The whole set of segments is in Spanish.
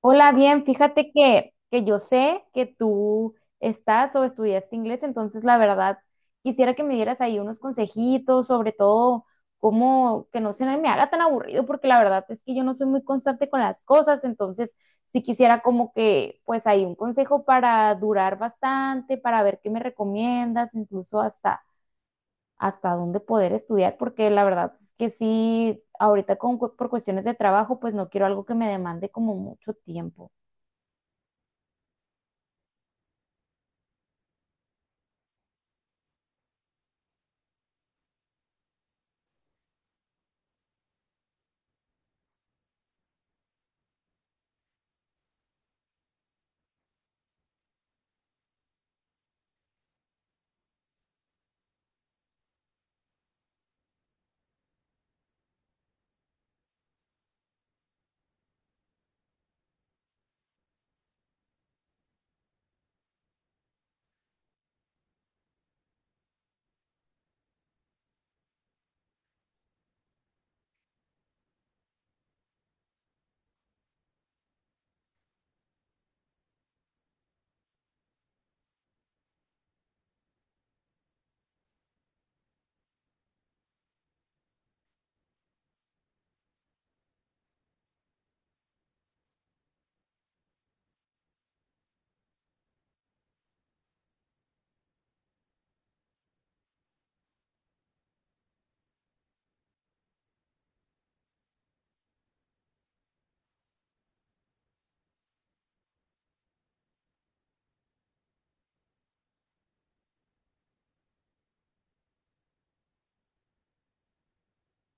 Hola, bien, fíjate que yo sé que tú estás o estudiaste inglés, entonces la verdad quisiera que me dieras ahí unos consejitos, sobre todo cómo que no se me haga tan aburrido, porque la verdad es que yo no soy muy constante con las cosas, entonces sí quisiera como que pues ahí un consejo para durar bastante, para ver qué me recomiendas, incluso hasta dónde poder estudiar, porque la verdad es que sí, ahorita por cuestiones de trabajo, pues no quiero algo que me demande como mucho tiempo.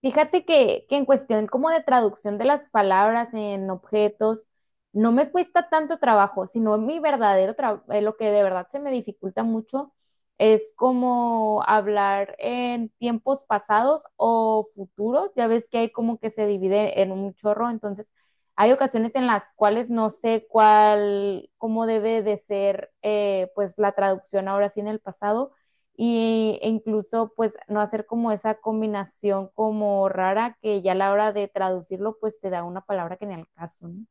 Fíjate que en cuestión como de traducción de las palabras en objetos, no me cuesta tanto trabajo, sino mi verdadero trabajo, lo que de verdad se me dificulta mucho es como hablar en tiempos pasados o futuros. Ya ves que hay como que se divide en un chorro, entonces hay ocasiones en las cuales no sé cuál, cómo debe de ser pues la traducción ahora sí en el pasado y, e incluso pues no hacer como esa combinación como rara que ya a la hora de traducirlo pues te da una palabra que ni al caso, ¿no?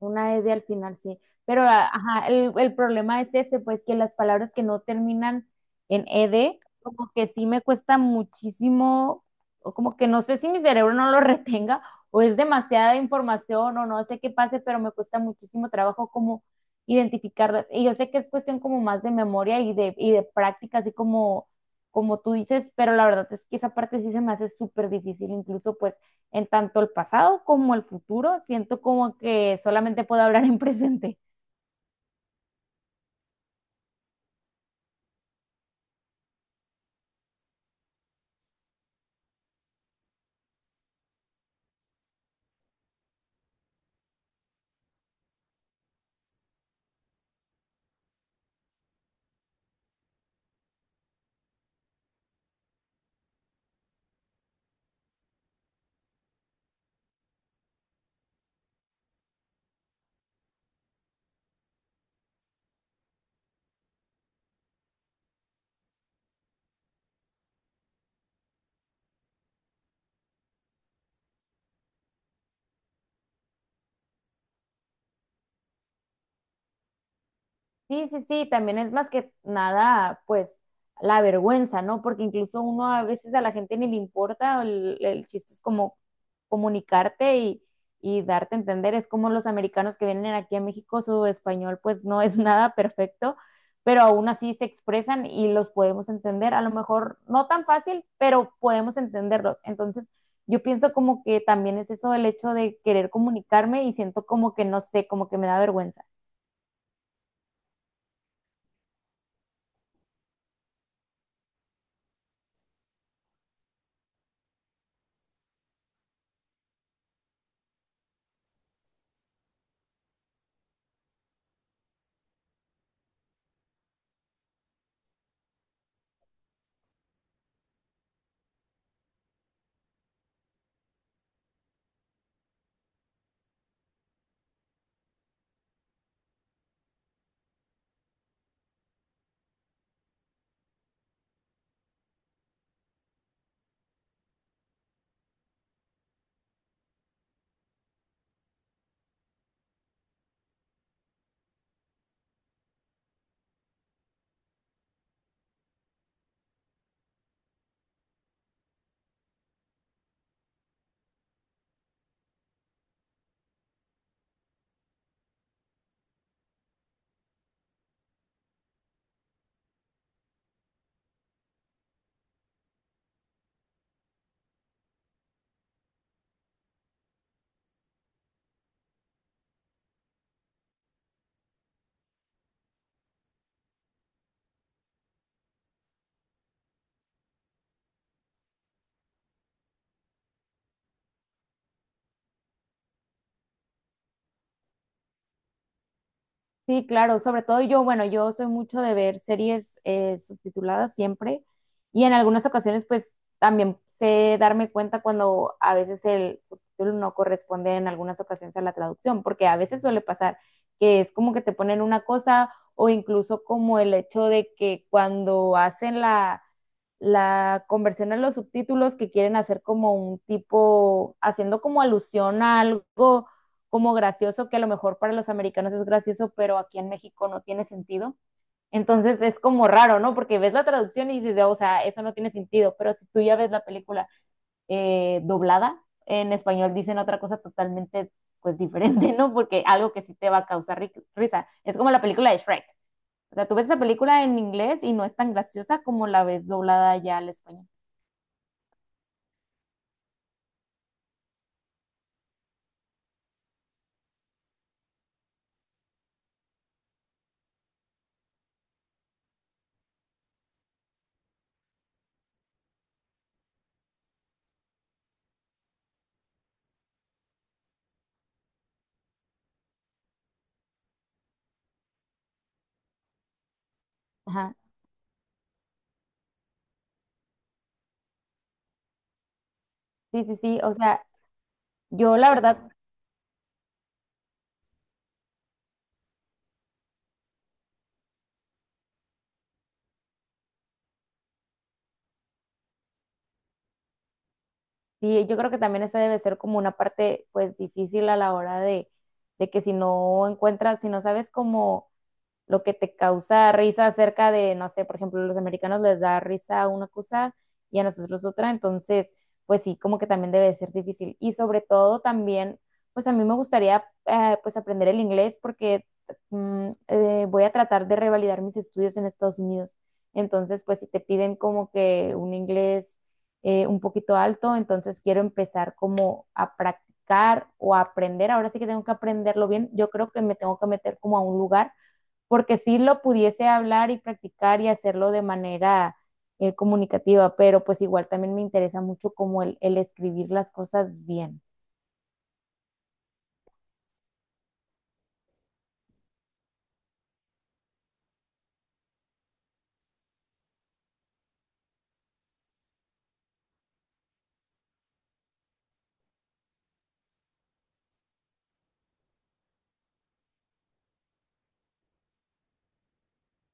Una S al final, sí. Pero, a- ajá, el problema es ese, pues que las palabras que no terminan en ED, como que sí me cuesta muchísimo, o como que no sé si mi cerebro no lo retenga, o es demasiada información, o no sé qué pase, pero me cuesta muchísimo trabajo como identificarlas. Y yo sé que es cuestión como más de memoria y de práctica, así como, como tú dices, pero la verdad es que esa parte sí se me hace súper difícil, incluso pues en tanto el pasado como el futuro. Siento como que solamente puedo hablar en presente. Sí, sí, sí, también es más que nada, pues, la vergüenza, ¿no? Porque incluso uno a veces a la gente ni le importa, el chiste es como comunicarte y darte a entender, es como los americanos que vienen aquí a México, su español pues no es nada perfecto, pero aún así se expresan y los podemos entender, a lo mejor no tan fácil, pero podemos entenderlos. Entonces, yo pienso como que también es eso el hecho de querer comunicarme y siento como que no sé, como que me da vergüenza. Sí, claro, sobre todo yo, bueno, yo soy mucho de ver series subtituladas siempre y en algunas ocasiones pues también sé darme cuenta cuando a veces el subtítulo no corresponde en algunas ocasiones a la traducción, porque a veces suele pasar que es como que te ponen una cosa o incluso como el hecho de que cuando hacen la conversión a los subtítulos que quieren hacer como un tipo, haciendo como alusión a algo como gracioso, que a lo mejor para los americanos es gracioso, pero aquí en México no tiene sentido. Entonces es como raro, ¿no? Porque ves la traducción y dices, o sea, eso no tiene sentido, pero si tú ya ves la película doblada, en español dicen otra cosa totalmente pues diferente, ¿no? Porque algo que sí te va a causar ri risa. Es como la película de Shrek. O sea, tú ves esa película en inglés y no es tan graciosa como la ves doblada ya al español. Ajá. Sí, sí, sí. O sea, yo la verdad. Sí, yo creo que también esa debe ser como una parte pues difícil a la hora de que si no encuentras, si no sabes cómo lo que te causa risa acerca de, no sé, por ejemplo, los americanos les da risa a una cosa y a nosotros otra, entonces, pues sí, como que también debe de ser difícil. Y sobre todo también, pues a mí me gustaría pues aprender el inglés porque voy a tratar de revalidar mis estudios en Estados Unidos. Entonces, pues si te piden como que un inglés un poquito alto, entonces quiero empezar como a practicar o a aprender. Ahora sí que tengo que aprenderlo bien. Yo creo que me tengo que meter como a un lugar porque sí lo pudiese hablar y practicar y hacerlo de manera comunicativa, pero pues igual también me interesa mucho como el escribir las cosas bien.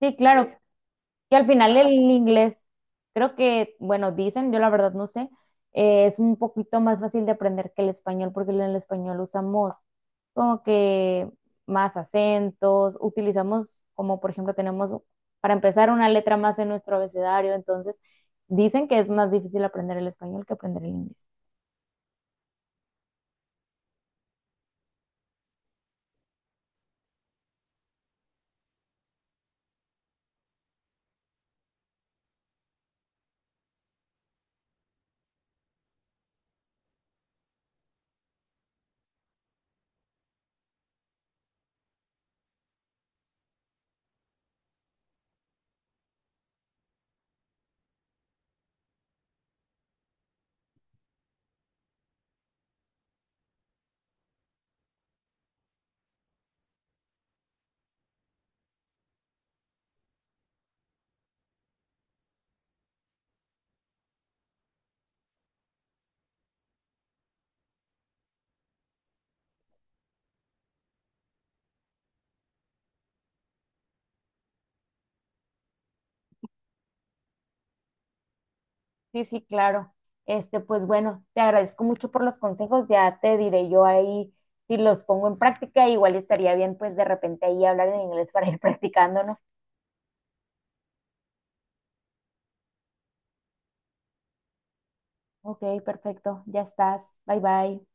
Sí, claro, que al final el inglés, creo que, bueno, dicen, yo la verdad no sé, es un poquito más fácil de aprender que el español, porque en el español usamos como que más acentos, utilizamos como por ejemplo tenemos para empezar una letra más en nuestro abecedario, entonces dicen que es más difícil aprender el español que aprender el inglés. Sí, sí, claro. Este, pues bueno, te agradezco mucho por los consejos. Ya te diré yo ahí si los pongo en práctica. Igual estaría bien, pues de repente ahí hablar en inglés para ir practicando, ¿no? Ok, perfecto. Ya estás. Bye bye.